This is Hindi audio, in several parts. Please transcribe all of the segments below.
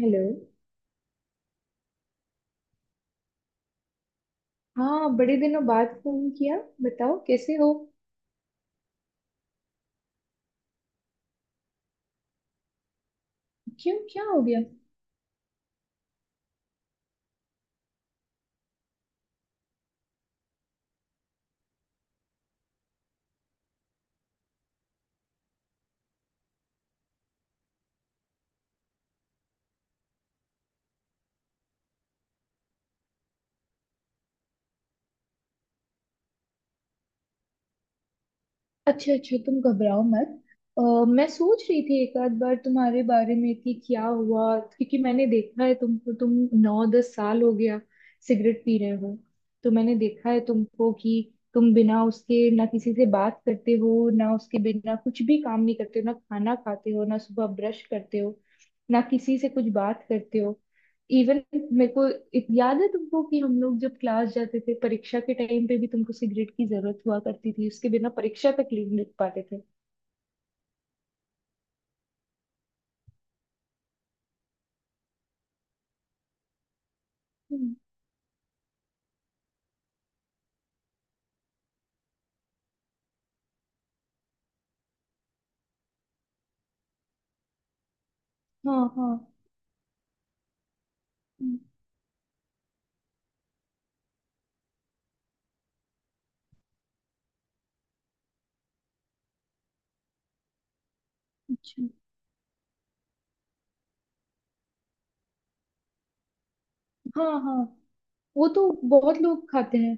हेलो। हाँ बड़े दिनों बाद फोन किया। बताओ कैसे हो। क्यों, क्या हो गया? अच्छा अच्छा, तुम घबराओ मत। अ, मैं सोच रही थी एक आध बार तुम्हारे बारे में कि क्या हुआ, क्योंकि मैंने देखा है तुमको। तुम 9-10 साल हो गया सिगरेट पी रहे हो। तो मैंने देखा है तुमको कि तुम बिना उसके ना किसी से बात करते हो, ना उसके बिना कुछ भी काम नहीं करते हो, ना खाना खाते हो, ना सुबह ब्रश करते हो, ना किसी से कुछ बात करते हो। इवन मेरे को याद है तुमको कि हम लोग जब क्लास जाते थे, परीक्षा के टाइम पे भी तुमको सिगरेट की जरूरत हुआ करती थी, उसके बिना परीक्षा तक नहीं लिख पाते थे। हम्म। हाँ हाँ। हम्म। अच्छा। हाँ हाँ। वो तो बहुत लोग खाते हैं।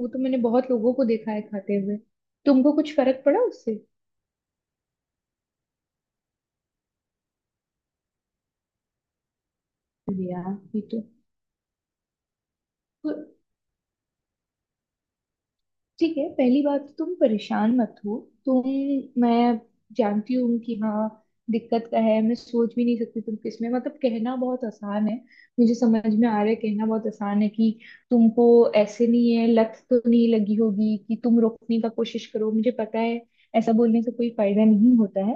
वो तो मैंने बहुत लोगों को देखा है खाते हुए। तुमको कुछ फर्क पड़ा उससे? अरे यार ये। तो ठीक है, पहली बात तो तुम परेशान मत हो। तुम, मैं जानती हूँ कि हाँ, दिक्कत का है। मैं सोच भी नहीं सकती तुम किस में, मतलब कहना बहुत आसान है। मुझे समझ में आ रहा है, कहना बहुत आसान है कि तुमको ऐसे नहीं है। लत तो नहीं लगी होगी कि तुम रोकने का कोशिश करो, मुझे पता है, ऐसा बोलने से कोई फायदा नहीं होता है।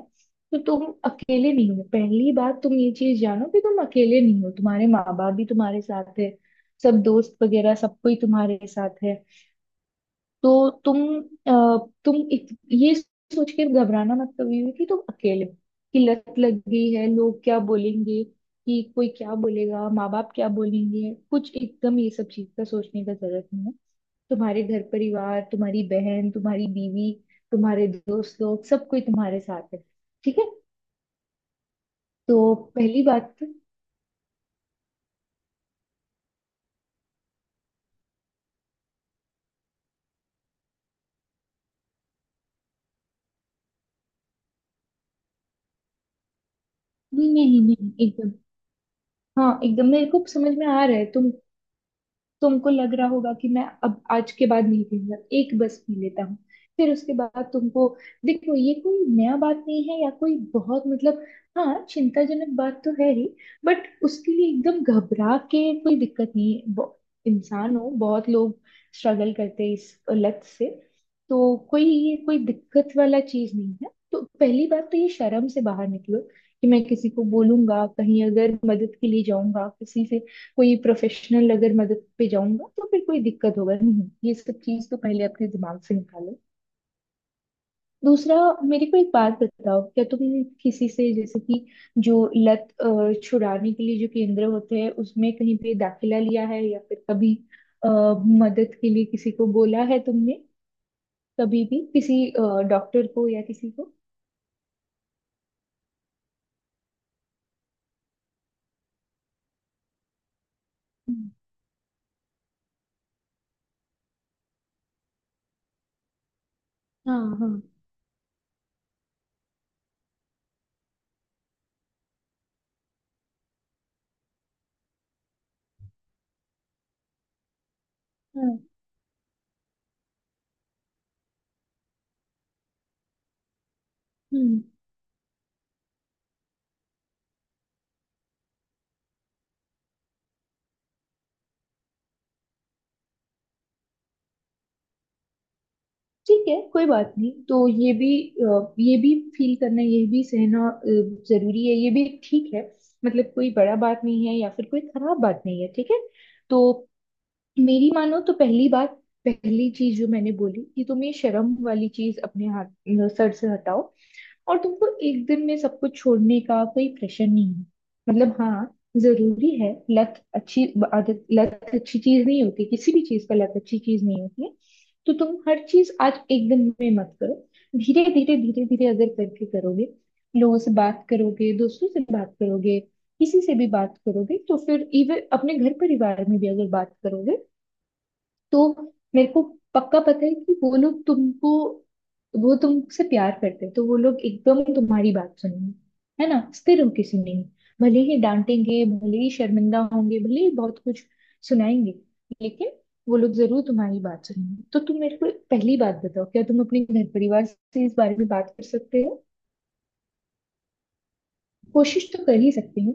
तो तुम अकेले नहीं हो, पहली बात तुम ये चीज जानो कि तुम अकेले नहीं हो। तुम्हारे माँ बाप भी तुम्हारे साथ है, सब दोस्त वगैरह सब कोई तुम्हारे साथ है। तो तुम तुम ये सोच के घबराना मत कभी भी कि तुम अकेले हो, कि लत लग गई है, लोग क्या बोलेंगे, कि कोई क्या बोलेगा, माँ बाप क्या बोलेंगे, कुछ एकदम ये सब चीज का सोचने का जरूरत नहीं है। तुम्हारे घर परिवार, तुम्हारी बहन, तुम्हारी बीवी, तुम्हारे दोस्त लोग, सब कोई तुम्हारे साथ है। ठीक है। तो पहली बात तो- नहीं नहीं नहीं, एकदम। हाँ एकदम मेरे को समझ में आ रहा है। तुमको लग रहा होगा कि मैं अब आज के बाद नहीं पीऊंगा, एक बस पी लेता हूँ। फिर उसके बाद तुमको देखो, ये कोई नया बात नहीं है, या कोई बहुत मतलब, हाँ चिंताजनक बात तो है ही। बट उसके लिए एकदम घबरा के कोई दिक्कत नहीं है। इंसान हो, बहुत लोग स्ट्रगल करते हैं इस लत से, तो कोई ये कोई दिक्कत वाला चीज नहीं है। तो पहली बात तो ये शर्म से बाहर निकलो कि मैं किसी को बोलूंगा, कहीं अगर मदद के लिए जाऊंगा किसी से, कोई प्रोफेशनल अगर मदद पे जाऊंगा, तो फिर कोई दिक्कत होगा नहीं, ये सब चीज तो पहले अपने दिमाग से निकालो। दूसरा, मेरे को एक बात बताओ, क्या तुम किसी से, जैसे कि जो लत छुड़ाने के लिए जो केंद्र होते हैं, उसमें कहीं पे दाखिला लिया है, या फिर कभी मदद के लिए किसी को बोला है तुमने? कभी भी किसी डॉक्टर को या किसी को? हम्म। हाँ हाँ। हाँ। हम्म। ठीक है, कोई बात नहीं, तो ये भी ये भी फील करना, ये भी सहना जरूरी है, ये भी ठीक है। मतलब कोई बड़ा बात नहीं है, या फिर कोई खराब बात नहीं है, ठीक है। तो मेरी मानो, तो पहली बात, पहली चीज जो मैंने बोली कि तुम ये शर्म वाली चीज अपने हाथ सर से हटाओ। और तुमको एक दिन में सब कुछ छोड़ने का कोई प्रेशर नहीं है। मतलब हाँ जरूरी है, लत अच्छी आदत, लत अच्छी चीज नहीं होती, किसी भी चीज का लत अच्छी चीज नहीं होती है। तो तुम हर चीज आज एक दिन में मत करो। धीरे धीरे धीरे धीरे अगर करके करोगे, लोगों से बात करोगे, दोस्तों से बात करोगे, किसी से भी बात करोगे, तो फिर इवन अपने घर परिवार में भी अगर बात करोगे, तो मेरे को पक्का पता है कि वो लोग तुमको, वो तुमसे प्यार करते हैं, तो वो लोग एकदम तुम्हारी बात सुनेंगे। है ना, स्थिर होके सुनेंगे। भले ही डांटेंगे, भले ही शर्मिंदा होंगे, भले ही बहुत कुछ सुनाएंगे, लेकिन वो लोग जरूर तुम्हारी बात सुनेंगे। तो तुम मेरे को पहली बात बताओ, क्या तुम अपने घर परिवार से इस बारे में बात कर सकते हो? कोशिश तो कर ही सकते हो।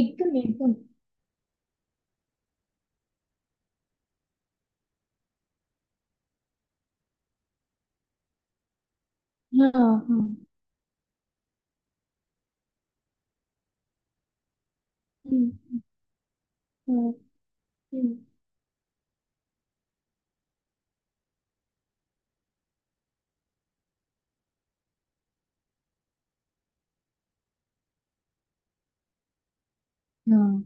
एकदम एकदम। हाँ हाँ। हम्म। हम्म। हम्म। हाँ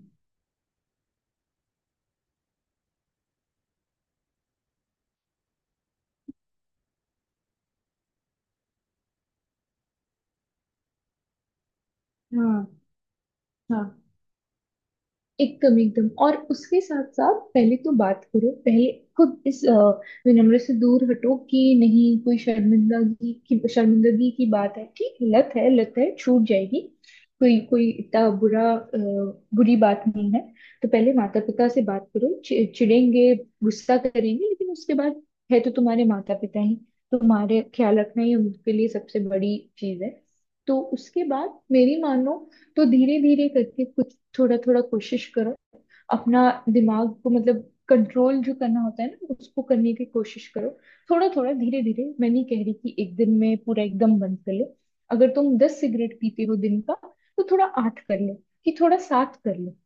हाँ। हाँ एकदम एकदम। और उसके साथ साथ पहले तो बात करो। पहले खुद इस विनम्र से दूर हटो, कि नहीं कोई शर्मिंदगी की, शर्मिंदगी की बात है, ठीक है, लत है, लत है, छूट जाएगी। कोई कोई इतना बुरा बुरी बात नहीं है। तो पहले माता पिता से बात करो। चिढ़ेंगे, गुस्सा करेंगे, लेकिन उसके बाद, है तो तुम्हारे माता पिता ही। तुम्हारे ख्याल रखना ही उनके लिए सबसे बड़ी चीज है। तो उसके बाद मेरी मानो, तो धीरे धीरे करके कुछ थोड़ा थोड़ा कोशिश करो। अपना दिमाग को मतलब कंट्रोल जो करना होता है ना, उसको करने की कोशिश करो। थोड़ा थोड़ा, धीरे धीरे। मैं नहीं कह रही कि एक दिन में पूरा एकदम बंद कर लो। अगर तुम 10 सिगरेट पीते हो दिन का, तो थोड़ा 8 कर लो, कि थोड़ा 7 कर लो।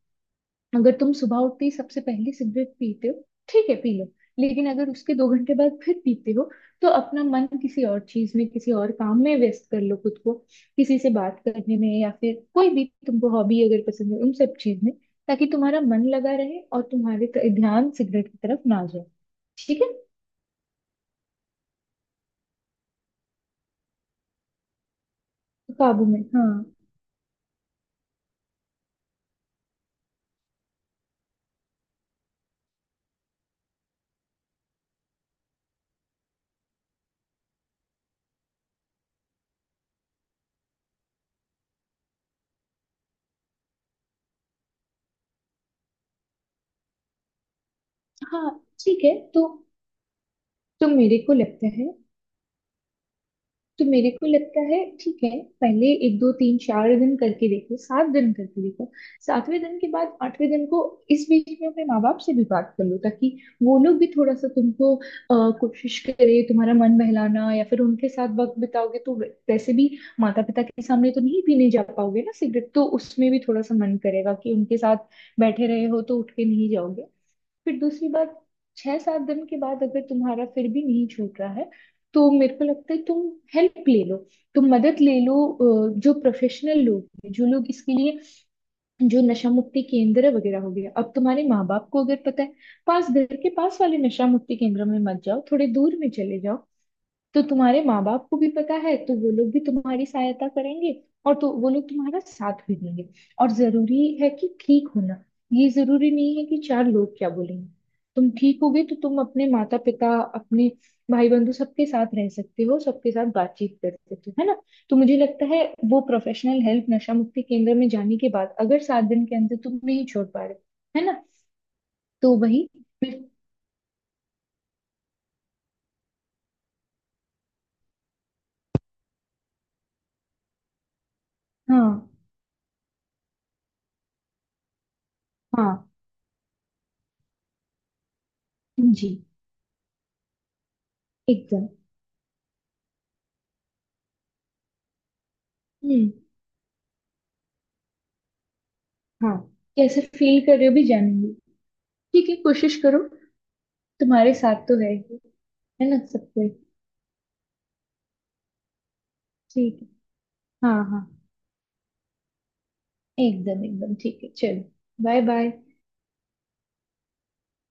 अगर तुम सुबह उठते ही सबसे पहले सिगरेट पीते हो, ठीक है पी लो। लेकिन अगर उसके 2 घंटे बाद फिर पीते हो, तो अपना मन किसी और चीज में, किसी और काम में व्यस्त कर लो खुद को। किसी से बात करने में, या फिर कोई भी तुमको हॉबी अगर पसंद है, उन सब चीज में, ताकि तुम्हारा मन लगा रहे और तुम्हारे ध्यान सिगरेट की तरफ ना जाए। ठीक है। काबू में, हाँ। हाँ ठीक है। तो मेरे को लगता है तो मेरे को लगता है, ठीक है, पहले एक दो तीन चार दिन करके देखो, 7 दिन करके देखो। 7वें दिन के बाद 8वें दिन को, इस बीच में अपने माँ बाप से भी बात कर लो, ताकि वो लोग भी थोड़ा सा तुमको कोशिश करे तुम्हारा मन बहलाना। या फिर उनके साथ वक्त बिताओगे, तो वैसे भी माता पिता के सामने तो नहीं पीने जा पाओगे ना सिगरेट, तो उसमें भी थोड़ा सा मन करेगा कि उनके साथ बैठे रहे हो तो उठ के नहीं जाओगे। फिर दूसरी बात, 6-7 दिन के बाद अगर तुम्हारा फिर भी नहीं छूट रहा है, तो मेरे को लगता है तुम हेल्प ले लो, तुम मदद ले लो। जो प्रोफेशनल लोग हैं, जो लोग इसके लिए, जो नशा मुक्ति केंद्र वगैरह हो गया, अब तुम्हारे माँ बाप को अगर पता है। पास घर के पास वाले नशा मुक्ति केंद्र में मत जाओ, थोड़े दूर में चले जाओ। तो तुम्हारे माँ बाप को भी पता है, तो वो लोग भी तुम्हारी सहायता करेंगे, और तो वो लोग तुम्हारा साथ भी देंगे। और जरूरी है कि ठीक होना। ये जरूरी नहीं है कि चार लोग क्या बोलेंगे। तुम ठीक होगे तो तुम अपने माता पिता, अपने भाई बंधु सबके साथ रह सकते हो, सबके साथ बातचीत कर सकते हो, है ना। तो मुझे लगता है वो प्रोफेशनल हेल्प, नशा मुक्ति केंद्र में जाने के बाद, अगर 7 दिन के अंदर तुम नहीं छोड़ पा रहे। है ना। तो वही। हाँ हाँ। जी एकदम। हम्म। हाँ। कैसे फील कर रहे हो भी जानूंगी। ठीक है, कोशिश करो। तुम्हारे साथ तो है ही, है ना सब कोई। ठीक है, हाँ हाँ, एकदम एकदम, ठीक है चलो, बाय बाय।